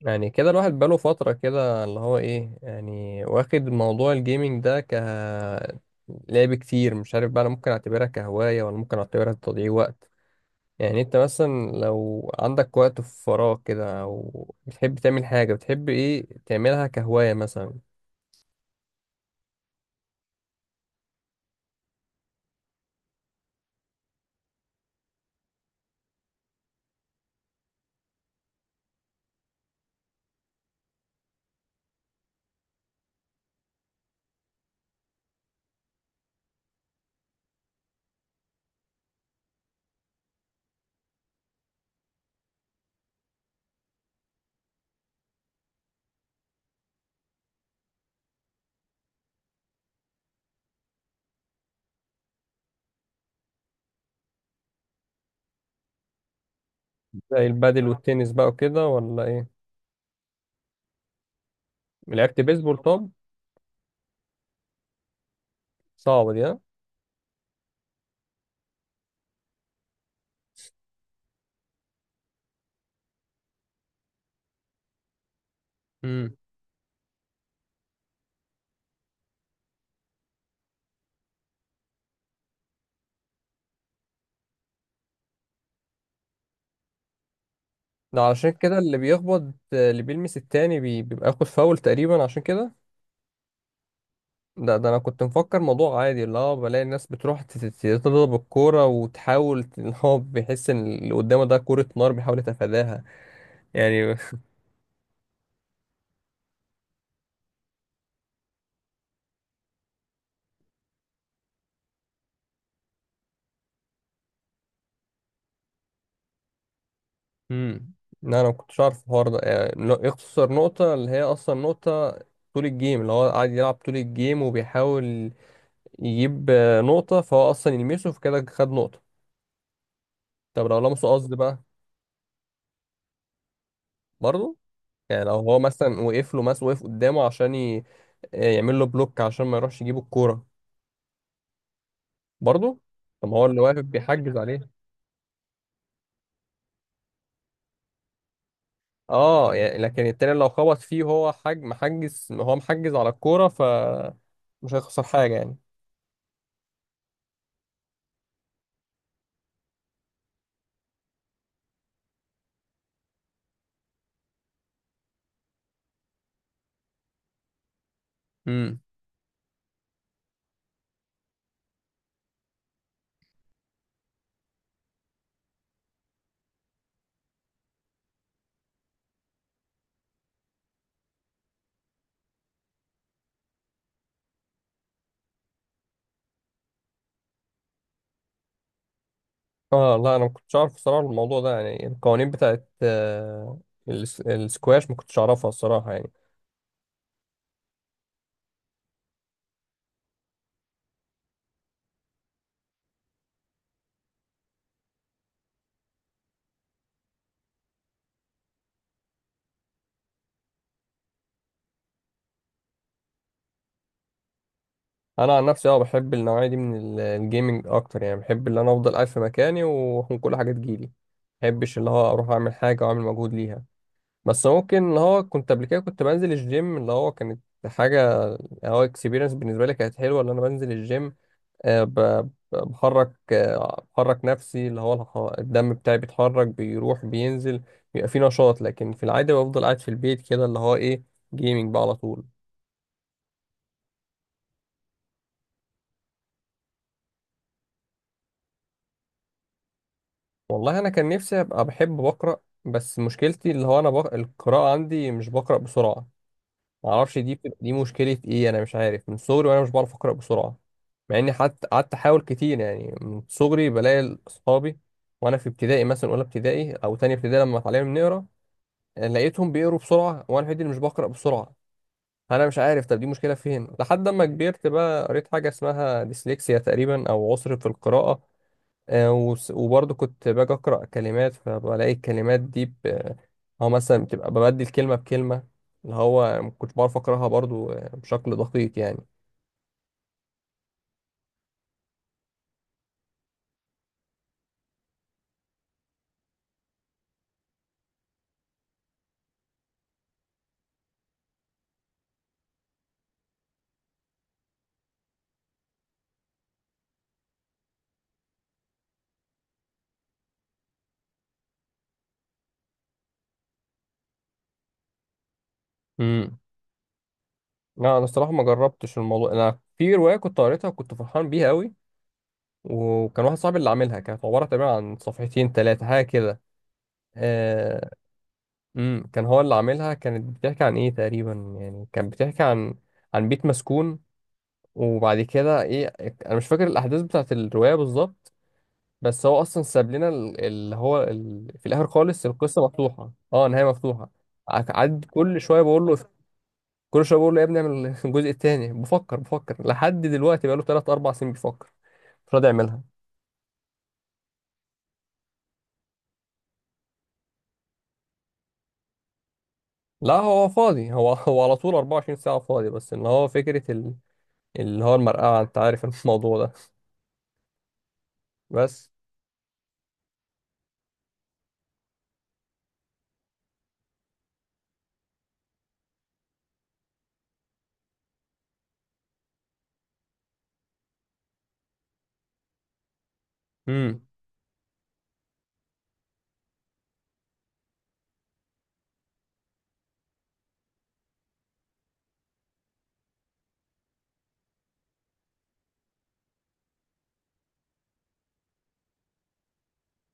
يعني كده الواحد بقاله فترة كده اللي هو ايه يعني واخد موضوع الجيمنج ده لعب كتير. مش عارف بقى، انا ممكن اعتبرها كهواية ولا ممكن اعتبرها تضييع وقت؟ يعني انت مثلا لو عندك وقت في فراغ كده او بتحب تعمل حاجة، بتحب ايه تعملها كهواية مثلا؟ زي البادل والتنس بقى وكده ولا ايه؟ لعبت بيسبول طب؟ صعبة دي ها؟ امم. ده علشان كده اللي بيخبط، اللي بيلمس التاني بيبقى ياخد فاول تقريبا، عشان كده. ده انا كنت مفكر موضوع عادي، اللي هو بلاقي الناس بتروح تضرب الكوره وتحاول ان هو بيحس ان اللي قدامه ده كوره نار بيحاول يتفاداها يعني. امم. لا انا ما كنتش عارف الحوار ده، يعني إنه يخسر نقطه، اللي هي اصلا نقطه طول الجيم اللي هو قاعد يلعب؟ طول الجيم وبيحاول يجيب نقطه، فهو اصلا يلمسه فكده خد نقطه. طب لو لمسه قصد بقى؟ برضه؟ يعني لو هو مثلا وقف له، مثلا وقف قدامه عشان ي... آه، يعمل له بلوك عشان ما يروحش يجيب الكوره؟ برضه؟ طب ما هو اللي واقف بيحجز عليه. اه يعني، لكن التاني لو خبط فيه، هو محجز، هو محجز على الكورة، ف مش هيخسر حاجة يعني. امم. اه لا انا ما كنتش اعرف الصراحة الموضوع ده، يعني القوانين بتاعت السكواش ما كنتش اعرفها الصراحة يعني. انا عن نفسي اه بحب النوعية دي من الجيمنج اكتر، يعني بحب ان انا افضل قاعد في مكاني وكل حاجة تجيلي. ما بحبش اللي هو اروح اعمل حاجة واعمل مجهود ليها. بس ممكن اللي هو كنت قبل كده كنت بنزل الجيم، اللي هو كانت حاجة يعني، هو اكسبيرينس بالنسبة لي كانت حلوة اللي أنا بنزل الجيم. آه، ب- بحرك، بحرك نفسي، اللي هو الدم بتاعي بيتحرك، بيروح بينزل، بيبقى في نشاط. لكن في العادة بفضل قاعد في البيت كده، اللي هو إيه، جيمنج بقى على طول. والله أنا كان نفسي أبقى بحب بقرأ، بس مشكلتي اللي هو أنا القراءة عندي مش بقرأ بسرعة. معرفش دي دي مشكلة ايه، انا مش عارف. من صغري وانا مش بعرف اقرأ بسرعة، مع اني حتى قعدت احاول كتير. يعني من صغري بلاقي اصحابي وانا في ابتدائي، مثلا اولى ابتدائي او تانية ابتدائي، لما اتعلمنا نقرا لقيتهم بيقروا بسرعة وانا الوحيد اللي مش بقرأ بسرعة. انا مش عارف طب دي مشكلة فين، لحد اما كبرت بقى قريت حاجة اسمها ديسلكسيا تقريبا، او عسر في القراءة. وبرضه كنت باجي أقرأ كلمات فبلاقي الكلمات دي ب... آه، هو مثلا بتبقى ببدل كلمة بكلمة، اللي هو ما كنتش بعرف أقرأها برضه بشكل دقيق يعني. امم. لا أنا الصراحة ما جربتش الموضوع. أنا في رواية كنت قريتها وكنت فرحان بيها أوي، وكان واحد صاحبي اللي عاملها، كانت عبارة تقريبا عن صفحتين تلاتة حاجة كده. آه، امم، كان هو اللي عاملها، كانت بتحكي عن إيه تقريبا، يعني كانت بتحكي عن عن بيت مسكون، وبعد كده إيه، أنا مش فاكر الأحداث بتاعت الرواية بالظبط. بس هو اصلا ساب لنا اللي هو في الاخر خالص القصه مفتوحه، اه نهايه مفتوحه. قعد كل شويه بقول له، كل شويه بقول له يا ابني اعمل الجزء الثاني. بفكر بفكر لحد دلوقتي، بقى له 3 4 سنين بيفكر، مش راضي يعملها. لا هو فاضي، هو هو على طول 24 ساعه فاضي، بس ان هو فكره اللي هو المرقعه، انت عارف الموضوع ده. بس. امم.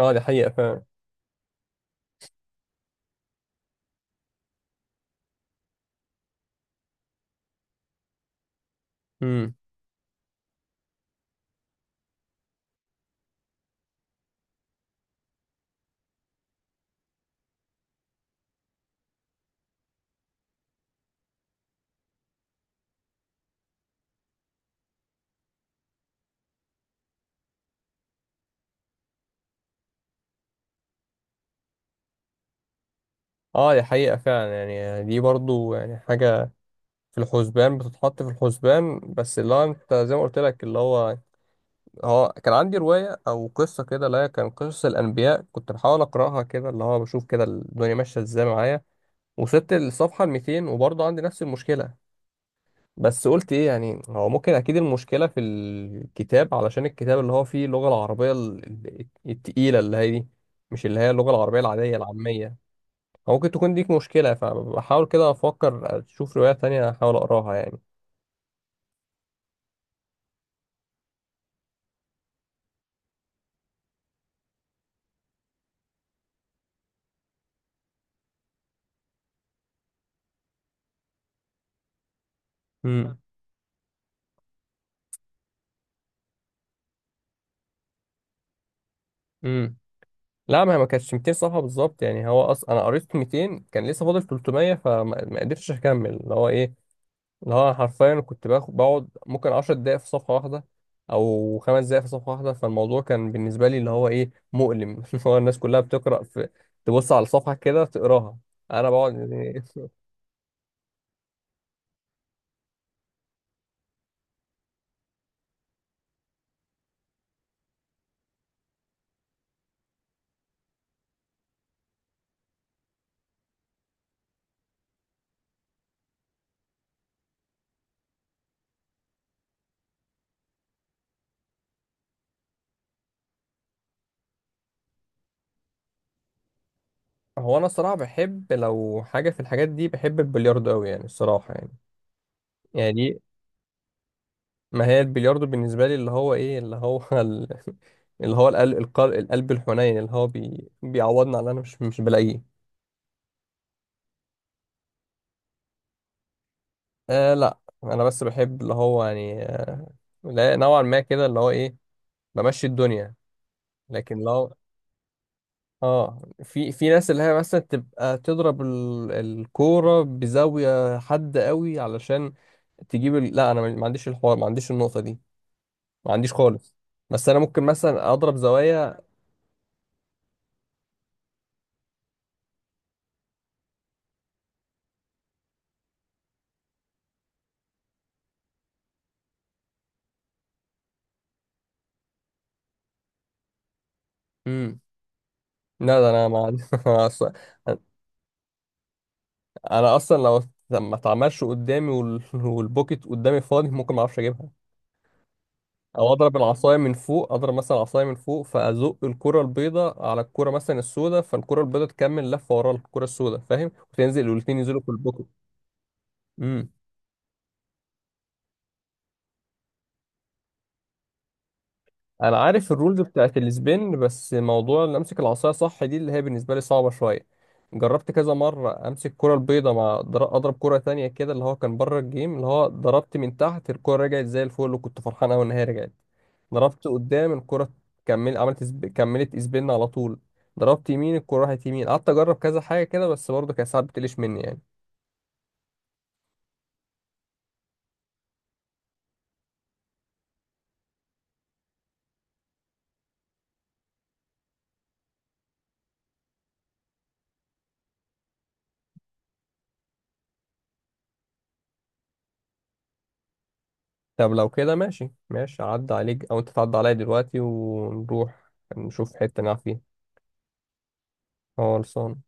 اه دي حقيقه فعلا. امم. اه دي حقيقه فعلا، يعني دي برضو يعني حاجه في الحسبان، بتتحط في الحسبان. بس اللي هو انت زي ما قلت لك، اللي هو هو كان عندي رواية او قصة كده، اللي هي كان قصص الانبياء، كنت بحاول اقراها كده اللي هو بشوف كده الدنيا ماشية ازاي معايا. وصلت للصفحة 200 وبرضه عندي نفس المشكلة. بس قلت ايه يعني، هو ممكن اكيد المشكلة في الكتاب، علشان الكتاب اللي هو فيه اللغة العربية التقيلة اللي هي دي، مش اللي هي اللغة العربية العادية العامية. أو ممكن تكون ديك مشكلة، فبحاول كده افكر اشوف رواية تانية احاول اقراها يعني. امم. لا ما هي ما كانتش 200 صفحة بالظبط، يعني هو أصلا أنا قريت 200 كان لسه فاضل 300، فما ما قدرتش أكمل، اللي هو إيه، اللي هو أنا حرفيا كنت باخد بقعد ممكن 10 دقايق في صفحة واحدة، أو خمس دقايق في صفحة واحدة. فالموضوع كان بالنسبة لي اللي هو إيه، مؤلم. اللي هو الناس كلها بتقرأ، في تبص على الصفحة كده تقراها، أنا بقعد يعني. هو أنا الصراحة بحب لو حاجة في الحاجات دي، بحب البلياردو أوي يعني الصراحة يعني. يعني ما هي البلياردو بالنسبة لي اللي هو ايه، اللي هو اللي هو القلب، القلب, القلب الحنين، اللي هو بيعوضني على اللي انا مش بلاقيه. آه لا انا بس بحب اللي هو يعني آه، لا نوعا ما كده، اللي هو ايه، بمشي الدنيا. لكن لو، اه في ناس اللي هي مثلا تبقى تضرب الكورة بزاوية حد قوي علشان تجيب لا انا ما عنديش الحوار، ما عنديش النقطة دي، ما عنديش خالص. بس انا ممكن مثلا اضرب زوايا. امم. لا ده انا ما عندي. انا اصلا لو ما اتعملش قدامي والبوكيت قدامي فاضي، ممكن ما اعرفش اجيبها. او اضرب العصايه من فوق، اضرب مثلا العصايه من فوق فازق الكره البيضاء على الكره مثلا السوداء، فالكره البيضاء تكمل لفه ورا الكره السوداء، فاهم، وتنزل والاتنين ينزلوا في البوكيت. امم. انا عارف الرولز بتاعت السبين، بس موضوع ان امسك العصايه صح دي اللي هي بالنسبه لي صعبه شويه. جربت كذا مره امسك كره البيضه مع اضرب كره تانية كده، اللي هو كان بره الجيم، اللي هو ضربت من تحت الكره رجعت زي الفل، وكنت فرحان قوي ان هي رجعت. ضربت قدام الكره، كمل، عملت كملت سبين على طول. ضربت يمين الكره راحت يمين، قعدت اجرب كذا حاجه كده، بس برضه كانت ساعات بتقلش مني يعني. طب لو كده ماشي ماشي، عدى عليك او انت تعدي عليا دلوقتي، ونروح نشوف حته نلعب فيها. خلصان.